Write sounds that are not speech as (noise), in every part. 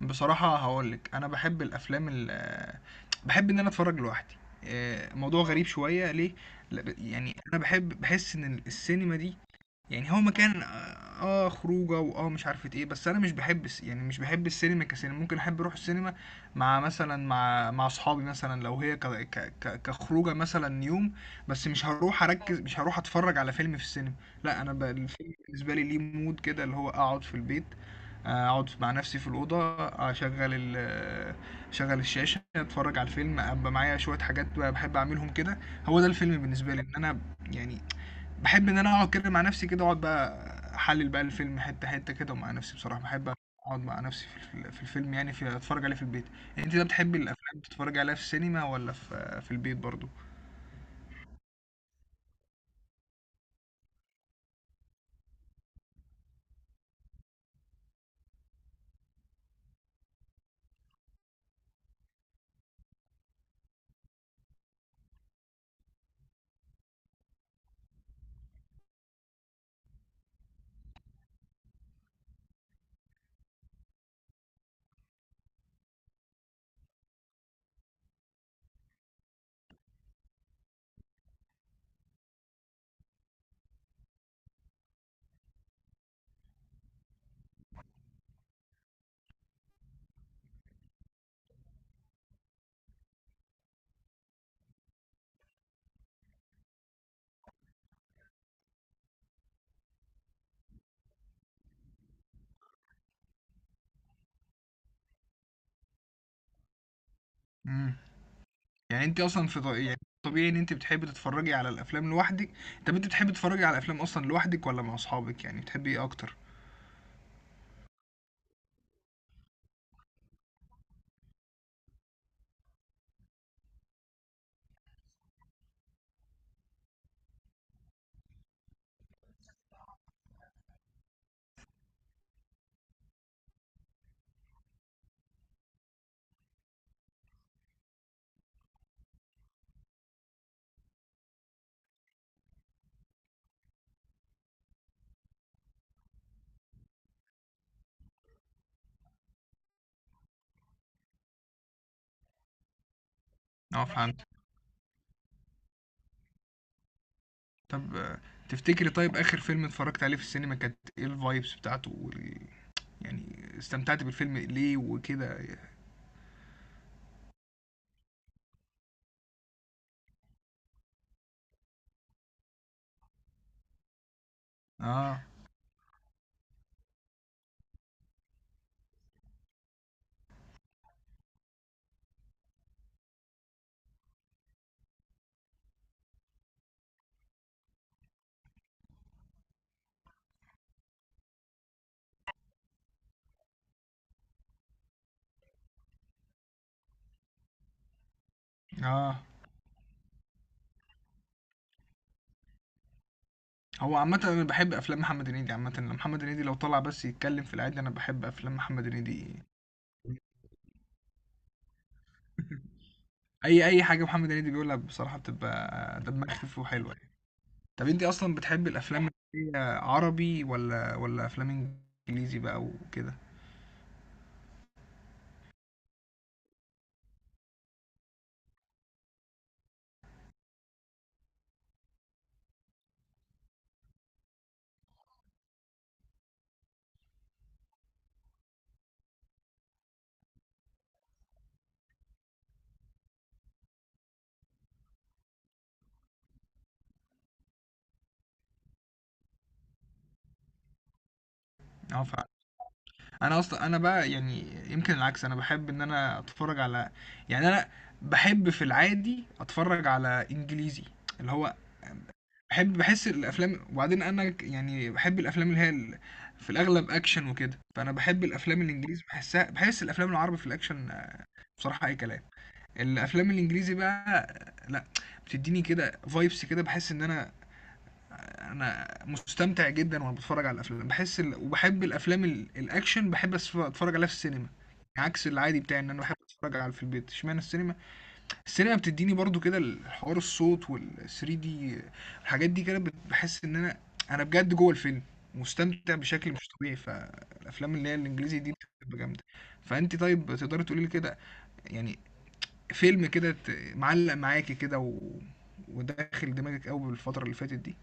بصراحة هاقولك أنا باحب الأفلام باحب إن أنا أتفرج لوحدي. موضوع غريب شوية ليه؟ يعني أنا باحس إن السينما دي يعني هو مكان خروجه مش عارفة ايه، بس انا مش بحب يعني مش بحب السينما كسينما. ممكن احب اروح السينما مع مثلا مع اصحابي مثلا لو هي ك ك ك كخروجه مثلا يوم، بس مش هروح اركز، مش هروح اتفرج على فيلم في السينما. لا انا الفيلم بالنسبه لي ليه مود كده، اللي هو اقعد في البيت. اقعد مع نفسي في الاوضه، اشغل الشاشه، اتفرج على الفيلم، ابقى معايا شويه حاجات بقى بحب اعملهم كده. هو ده الفيلم بالنسبه لي، ان انا يعني باحب إن أنا أقعد كده مع نفسي كده، أقعد بقى أحلِّل بقى الفيلم حتّة، حتّة كده، ومع نفسي بصراحة، باحب أقعد مع نفسي في الفيلم، يعني ف أتفرّج عليه في البيت. أنتِ بقى بتحبي الأفلام تتفرّجي عليها في السينما والّا في البيت برضه؟ إمم. يعني أنتِ أصلًا في ط يعني طبيعي إن أنتِ بتحبي تتفرّجي على الأفلام لوحدِك. طَب أنتِ بتحبي تتفرّجي على الأفلام أصلًا لوحدِك والّا مع أصحابِك، يعني بتحبي إيه أكتر؟ آه فهمت. طَب تفتكري طيب آخِر فيلم اتفرّجتِ عليه في السينما كانت إيه الvibes بتاعته يعني استمتعتِ بالفيلم ليه وكده؟ آه. اه هو عامة أنا بحب أفلام محمد هنيدي. عامة لما محمد هنيدي لو طلع بس يتكلم في العادي أنا بحب أفلام محمد هنيدي. أي أي حاجة محمد هنيدي بيقولها بصراحة بتبقى دمها خفيف وحلوة يعني. طب أنت أصلا بتحب الأفلام اللي هي عربي ولا أفلام إنجليزي بقى وكده؟ اه فعلا. أنا أصلا أنا بقى يعني يمكن العكس، أنا بحب إن أنا أتفرج على، يعني أنا بحب في العادي أتفرج على إنجليزي، اللي هو باحس الأفلام. وبعدين أنا يعني باحب الأفلام اللي هي في الأغلب أكشن وكده، فأنا باحب الأفلام الإنجليزي، باحسها، باحس الأفلام العربي في الأكشن بصراحة أي كلام. الأفلام الإنجليزي بقى، لأ، بتديني كده vibes كده، باحس إن أنا، أنا مستمتع جدًا وأنا باتفرج على الأفلام، باحس وباحب الأفلام الأكشن، باحب أتفرج عليها في السينما، عكس العادي بتاعي إن أنا باحب أتفرج على في البيت. اشمعنى السينما؟ السينما بتديني برضو كده الحوار الصوت 3D دي، الحاجات دي كده بحس ان انا، انا بجد جوه الفيلم، مستمتع بشكل مش طبيعي. فالافلام اللي هي الانجليزي دي بتبقى جامده. فانت طيب تقدري تقولي لي كده يعني فيلم كده معلق معاكي كده وداخل دماغك قوي بالفتره اللي فاتت دي.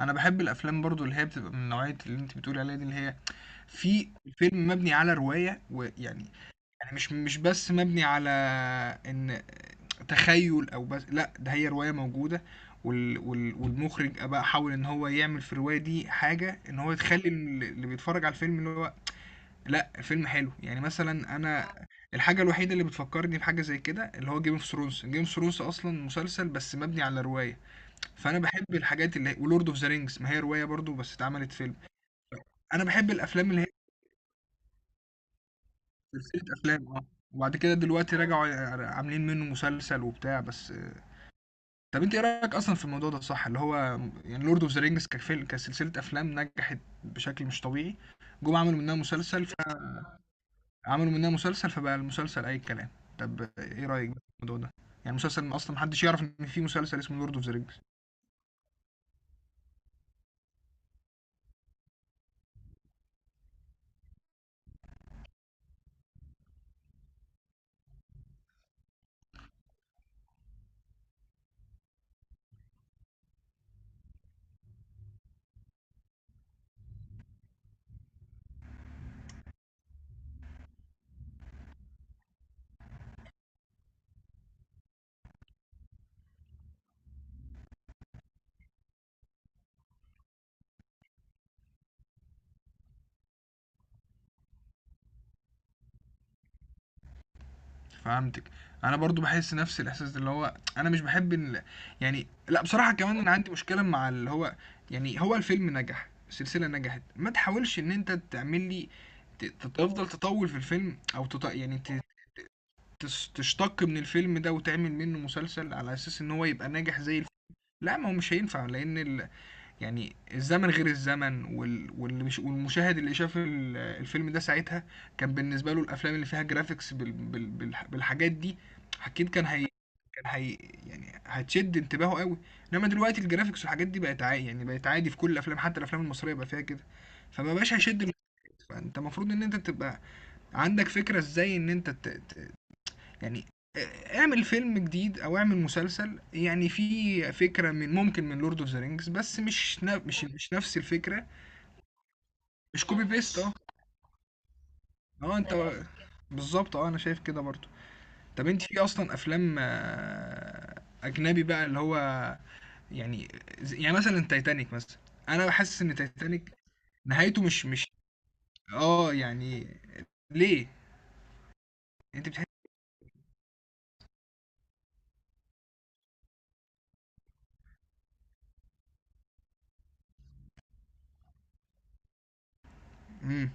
انا بحب الافلام برضو اللي هي بتبقى من نوعيه اللي انت بتقولي عليها دي اللي هي في فيلم مبني على روايه ويعني، يعني مش بس مبني على ان تخيل او بس لا، ده هي رواية موجودة، والمخرج بقى حاول ان هو يعمل في الرواية دي حاجة، ان هو يخلي اللي بيتفرج على الفيلم اللي هو لا، الفيلم حلو يعني. مثلا انا الحاجة الوحيدة اللي بتفكرني بحاجة زي كده اللي هو جيم اوف ثرونز. جيم اوف ثرونز اصلا مسلسل بس مبني على رواية. فانا بحب الحاجات اللي ولورد اوف ذا رينجز، ما هي رواية برضو بس اتعملت فيلم. انا بحب الافلام اللي هي سلسلة أفلام وبعد كده دلوقتي رجعوا عاملين منه مسلسل وبتاع. بس طب انت ايه رأيك اصلا في الموضوع ده صح؟ اللي هو يعني لورد اوف ذا رينجز كفيلم كسلسلة افلام نجحت بشكل مش طبيعي. جم عملوا منها مسلسل فبقى المسلسل اي كلام. طب ايه رأيك بقى في الموضوع ده؟ يعني مسلسل اصلا محدش يعرف ان في مسلسل اسمه لورد اوف ذا رينجز. فهمتِك. أنا برضه باحس نفس الإحساس اللي هو أنا مش باحب يعني لأ بصراحة، كمان أنا عندي مشكلة مع اللي هو يعني هو الفيلم نجح، السلسلة نجحت، ما تحاولش إن أنت تعمل لي ت ت تفضل تطوّل في الفيلم أو يعني ت تس تشتق من الفيلم ده وتعمل منه مسلسل على أساس إن هو يبقى ناجح زي لأ، ما هو مش هينفع لأن يعني الزمن غير الزمن، واللي مش... والمشاهد اللي شاف الفيلم ده ساعتها كان بالنسبة له الأفلام اللي فيها جرافيكس بالحاجات دي أكيد كان هي يعني هتشد انتباهه قوي. إنما دلوقتي الجرافيكس والحاجات دي بقت عادي، يعني بقت عادي في كل الأفلام، حتى الأفلام المصرية بقى فيها كده. فما بقاش هيشد المشاهد. فأنت المفروض إن أنت تبقى عندك فكرة إزاي إن أنت يعني اعمل فيلم جديد او اعمل مسلسل يعني فيه فكرة، من ممكن من لورد اوف ذا رينجز، بس مش نفس الفكرة. مش كوبي بيست مش انت بنفس كده. بالظبط اه انا شايف كده برضو. طب انت في اصلا افلام اجنبي بقى اللي هو يعني زي، يعني مثلا تايتانيك مثلا. انا بحس ان تايتانيك نهايته مش اه يعني ليه انت بتحس؟ امم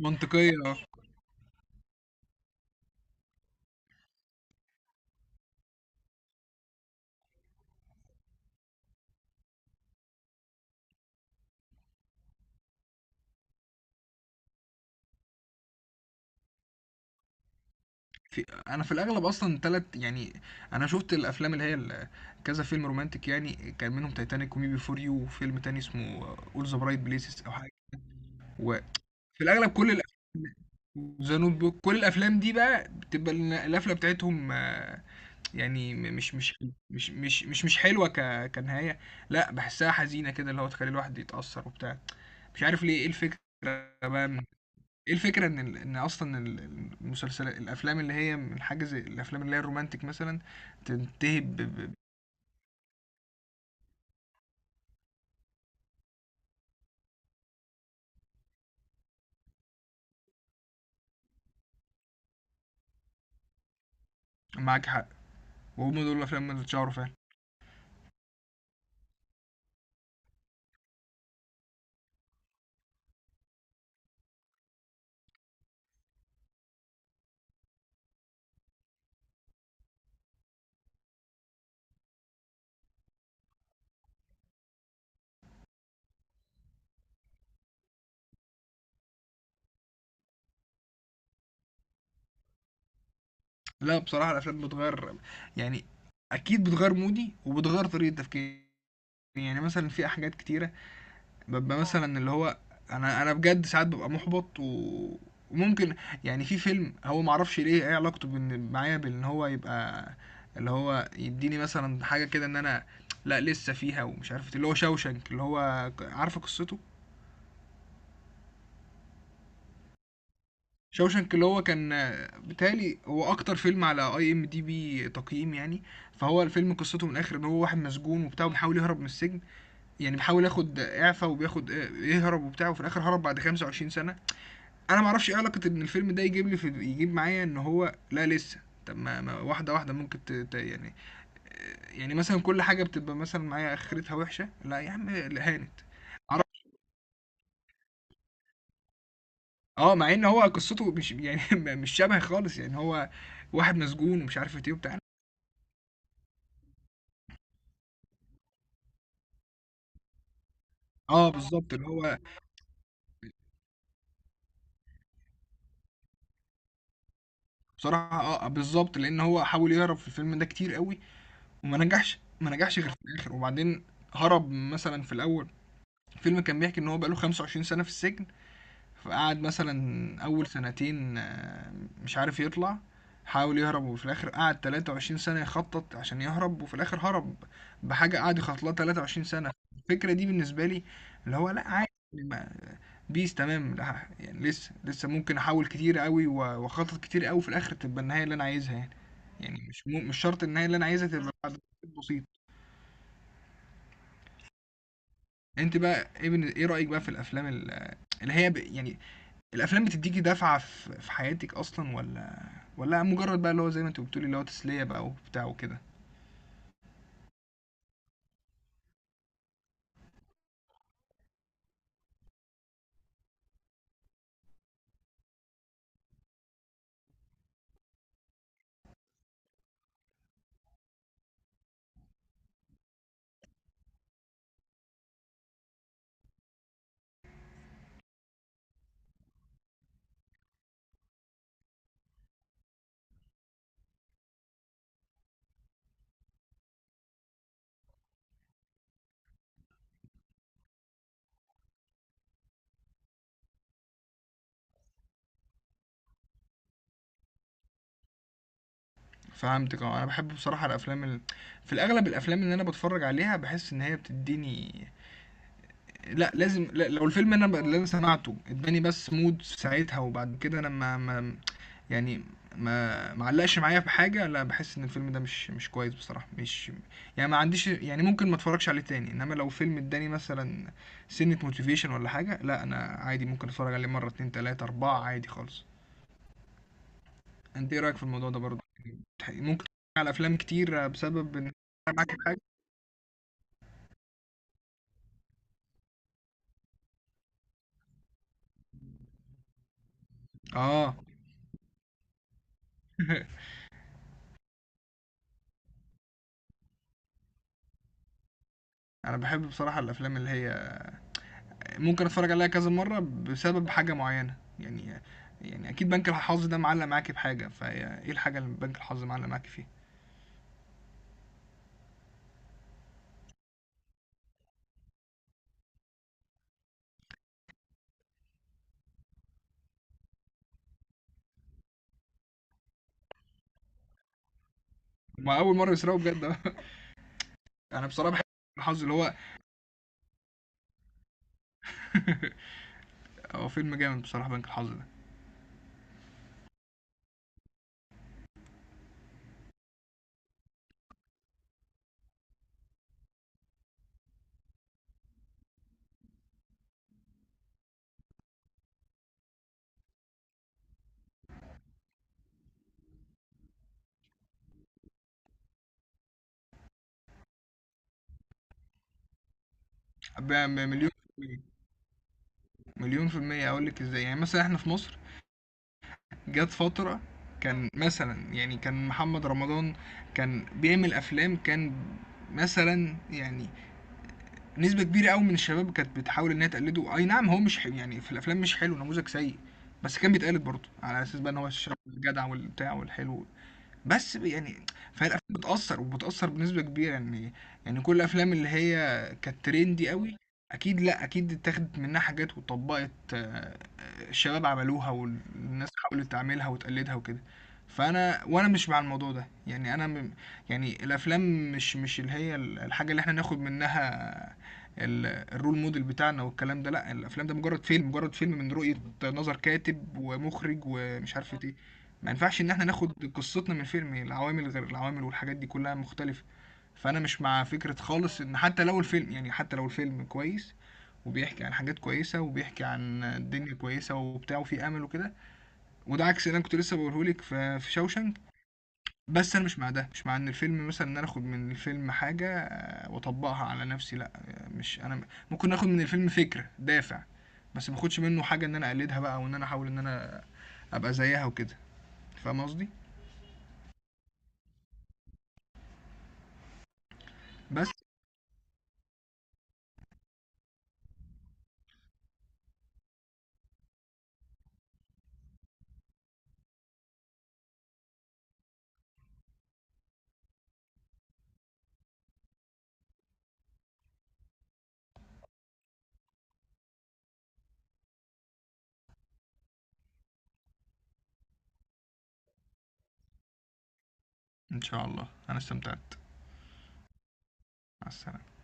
ومنطقية. في، انا في الاغلب اصلا تلت يعني، انا شفت الافلام اللي هي كذا فيلم رومانتك يعني، كان منهم تايتانيك ومي بي فور يو وفيلم تاني اسمه اول ذا برايت بليسز او حاجه. وفي الاغلب كل الافلام، ذا نوت بوك، كل الافلام دي بقى بتبقى القفله بتاعتهم يعني مش حلوه كنهايه. لا بحسها حزينه كده اللي هو تخلي الواحد يتاثر وبتاع. مش عارف ليه ايه الفكره بقى. ايه الفكرة ان ان اصلا المسلسلات، الافلام اللي هي من حاجة زي الافلام اللي هي الرومانتك مثلا تنتهي معاك حق، وهم دول الافلام اللي اتشهروا فعلا. لا بصراحة الافلام بتغير، يعني اكيد بتغير مودي وبتغير طريقة تفكيري. يعني مثلا في حاجات كتيرة بابقى مثلا اللي هو، أنا بجد ساعات بابقى مُحبَط و وممكن، يعني في فيلم هو ما أعرفش ليه إيه علاقته بإن معايا، بإن هو يبقى اللي هو يدّيني مثلا حاجة كده إن أنا لأ لسه فيها ومش عارف إيه، اللي هو Shawshank، اللي هو عارفة قصته؟ Shawshank اللي هو كان بيتهيأ لي هو أكتر فيلم على IMDb تقييم يعني. فهو الفيلم قصته من الآخر إن هو واحد مسجون وبتاع وبيحاول يهرب من السجن، يعني بيحاول ياخد إعفا وبياخد يهرب وبتاع، وفي الآخر هرب بعد 25 سنة. انا ما اعرفش ايه علاقه ان الفيلم ده يجيب لي، في يجيب معايا ان هو لا لسه. طب ما, ما واحده واحده ممكن يعني، يعني مثلا كل حاجه بتبقى مثلا معايا اخرتها وحشه، لا يا عم هانت. عرف- اه مع ان هو قصته مش يعني (laughs) مش شبه خالص يعني هو واحد مسجون ومش عارف ايه وبتاع. اه بالظبط اللي هو بصراحه، اه بالظبط، لان هو حاول يهرب في الفيلم ده كتير قوي، وما نجحش ما نجحش غير في الاخر، وبعدين هرب مثلا في الاول. الفيلم كان بيحكي ان هو بقاله 25 سنه في السجن. فقعد مثلا اول سنتين، مش عارف يطلع، حاول يهرب، وفي الاخر قعد 23 سنة يخطط عشان يهرب، وفي الاخر هرب بحاجة قعد يخطط لها 23 سنة. الفكرة دي بالنسبة لي اللي هو لا عادي، بيس تمام، لا يعني لسه لسه ممكن احاول كتير قوي و- واخطط كتير قوي، في الاخر تبقى النهاية اللي انا عايزها يعني. يعني مش مش شرط النهاية اللي انا عايزها تبقى بعد تخطيط بسيط. انت بقى ايه إيه رأيك بقى في الافلام اللي هي يعني الافلام بتديكي دفعة في في حياتك اصلا ولا ولا مجرد بقى اللي هو زي ما انت بتقولي اللي هو تسلية بقى وبتاع وكده؟ فهمتك. اه انا بحب بصراحة الافلام في الاغلب الافلام اللي انا بتفرج عليها بحس ان هي بتديني لا لازم. لا لو الفيلم انا اللي انا سمعته اداني بس مود ساعتها، وبعد كده انا ما, ما يعني ما علقش معايا في حاجة، لا بحس ان الفيلم ده مش كويس بصراحة، مش يعني ما عنديش، يعني ممكن ما اتفرجش عليه تاني. انما لو فيلم اداني مثلا سنة موتيفيشن ولا حاجة، لا انا عادي ممكن اتفرج عليه مرة اتنين تلاتة اربعة عادي خالص. انت ايه رايك في الموضوع ده برضه؟ ممكن تتفرج على افلام كتير بسبب ان أنا معاك في حاجه اه (laughs) انا بحب بصراحه الافلام اللي هي ممكن اتفرج عليها كذا مره بسبب حاجه معينه يعني. يعني اكيد بنك الحظ ده معلق معاكي بحاجه، فهي ايه الحاجه اللي بنك الحظ معلق معاكي فيها؟ ما اول مره يسرقوا بجد (laughs) انا بصراحه بحب بنك الحظ اللي هو (laughs) هو فيلم جامد بصراحه بنك الحظ ده. مليون في المية. مليون في المية أقول لك إزاي. يعني مثلا إحنا في مصر جات فترة كان مثلا يعني كان محمد رمضان كان بيعمل افلام، كان مثلا يعني نسبة كبيرة قوي من الشباب كانت بتحاول انها تقلده. اي نعم هو مش حلو يعني في الافلام، مش حلو، نموذج سيء، بس كان بيتقلد برضه على اساس بقى ان هو الشاب الجدع والبتاع والحلو. بس يعني فهي الافلام بتاثر وبتاثر بنسبه كبيره يعني. يعني كل الافلام اللي هي كانت ترندي قوي، اكيد، لا اكيد اتاخدت منها حاجات وطبقت، الشباب عملوها والناس حاولت تعملها وتقلدها وكده. فانا وانا مش مع الموضوع ده يعني انا يعني الافلام مش مش اللي هي الحاجه اللي احنا ناخد منها ال- الرول موديل بتاعنا والكلام ده، لا الافلام ده مجرد فيلم، مجرد فيلم من رؤيه، نظر كاتب ومخرج ومش عارف ايه. ما ينفعش ان احنا ناخد قصتنا من فيلم، العوامل غير العوامل والحاجات دي كلها مختلفة. فانا مش مع فكرة خالص ان حتى لو الفيلم يعني حتى لو الفيلم كويس وبيحكي عن حاجات كويسة وبيحكي عن الدنيا كويسة وبتاع وفي امل وكده، وده عكس اللي انا كنت لسه بقولهولك في شوشنك. بس انا مش مع ده، مش مع ان الفيلم مثلا ان انا اخد من الفيلم حاجة واطبقها على نفسي، لا، مش، انا ممكن اخد من الفيلم فكرة، دافع، بس ما اخدش منه حاجة ان انا اقلدها بقى وان انا احاول ان انا ابقى زيها وكده. فاهم قصدي؟ بس إن شاء الله أنا استمتعت. مع السلامة.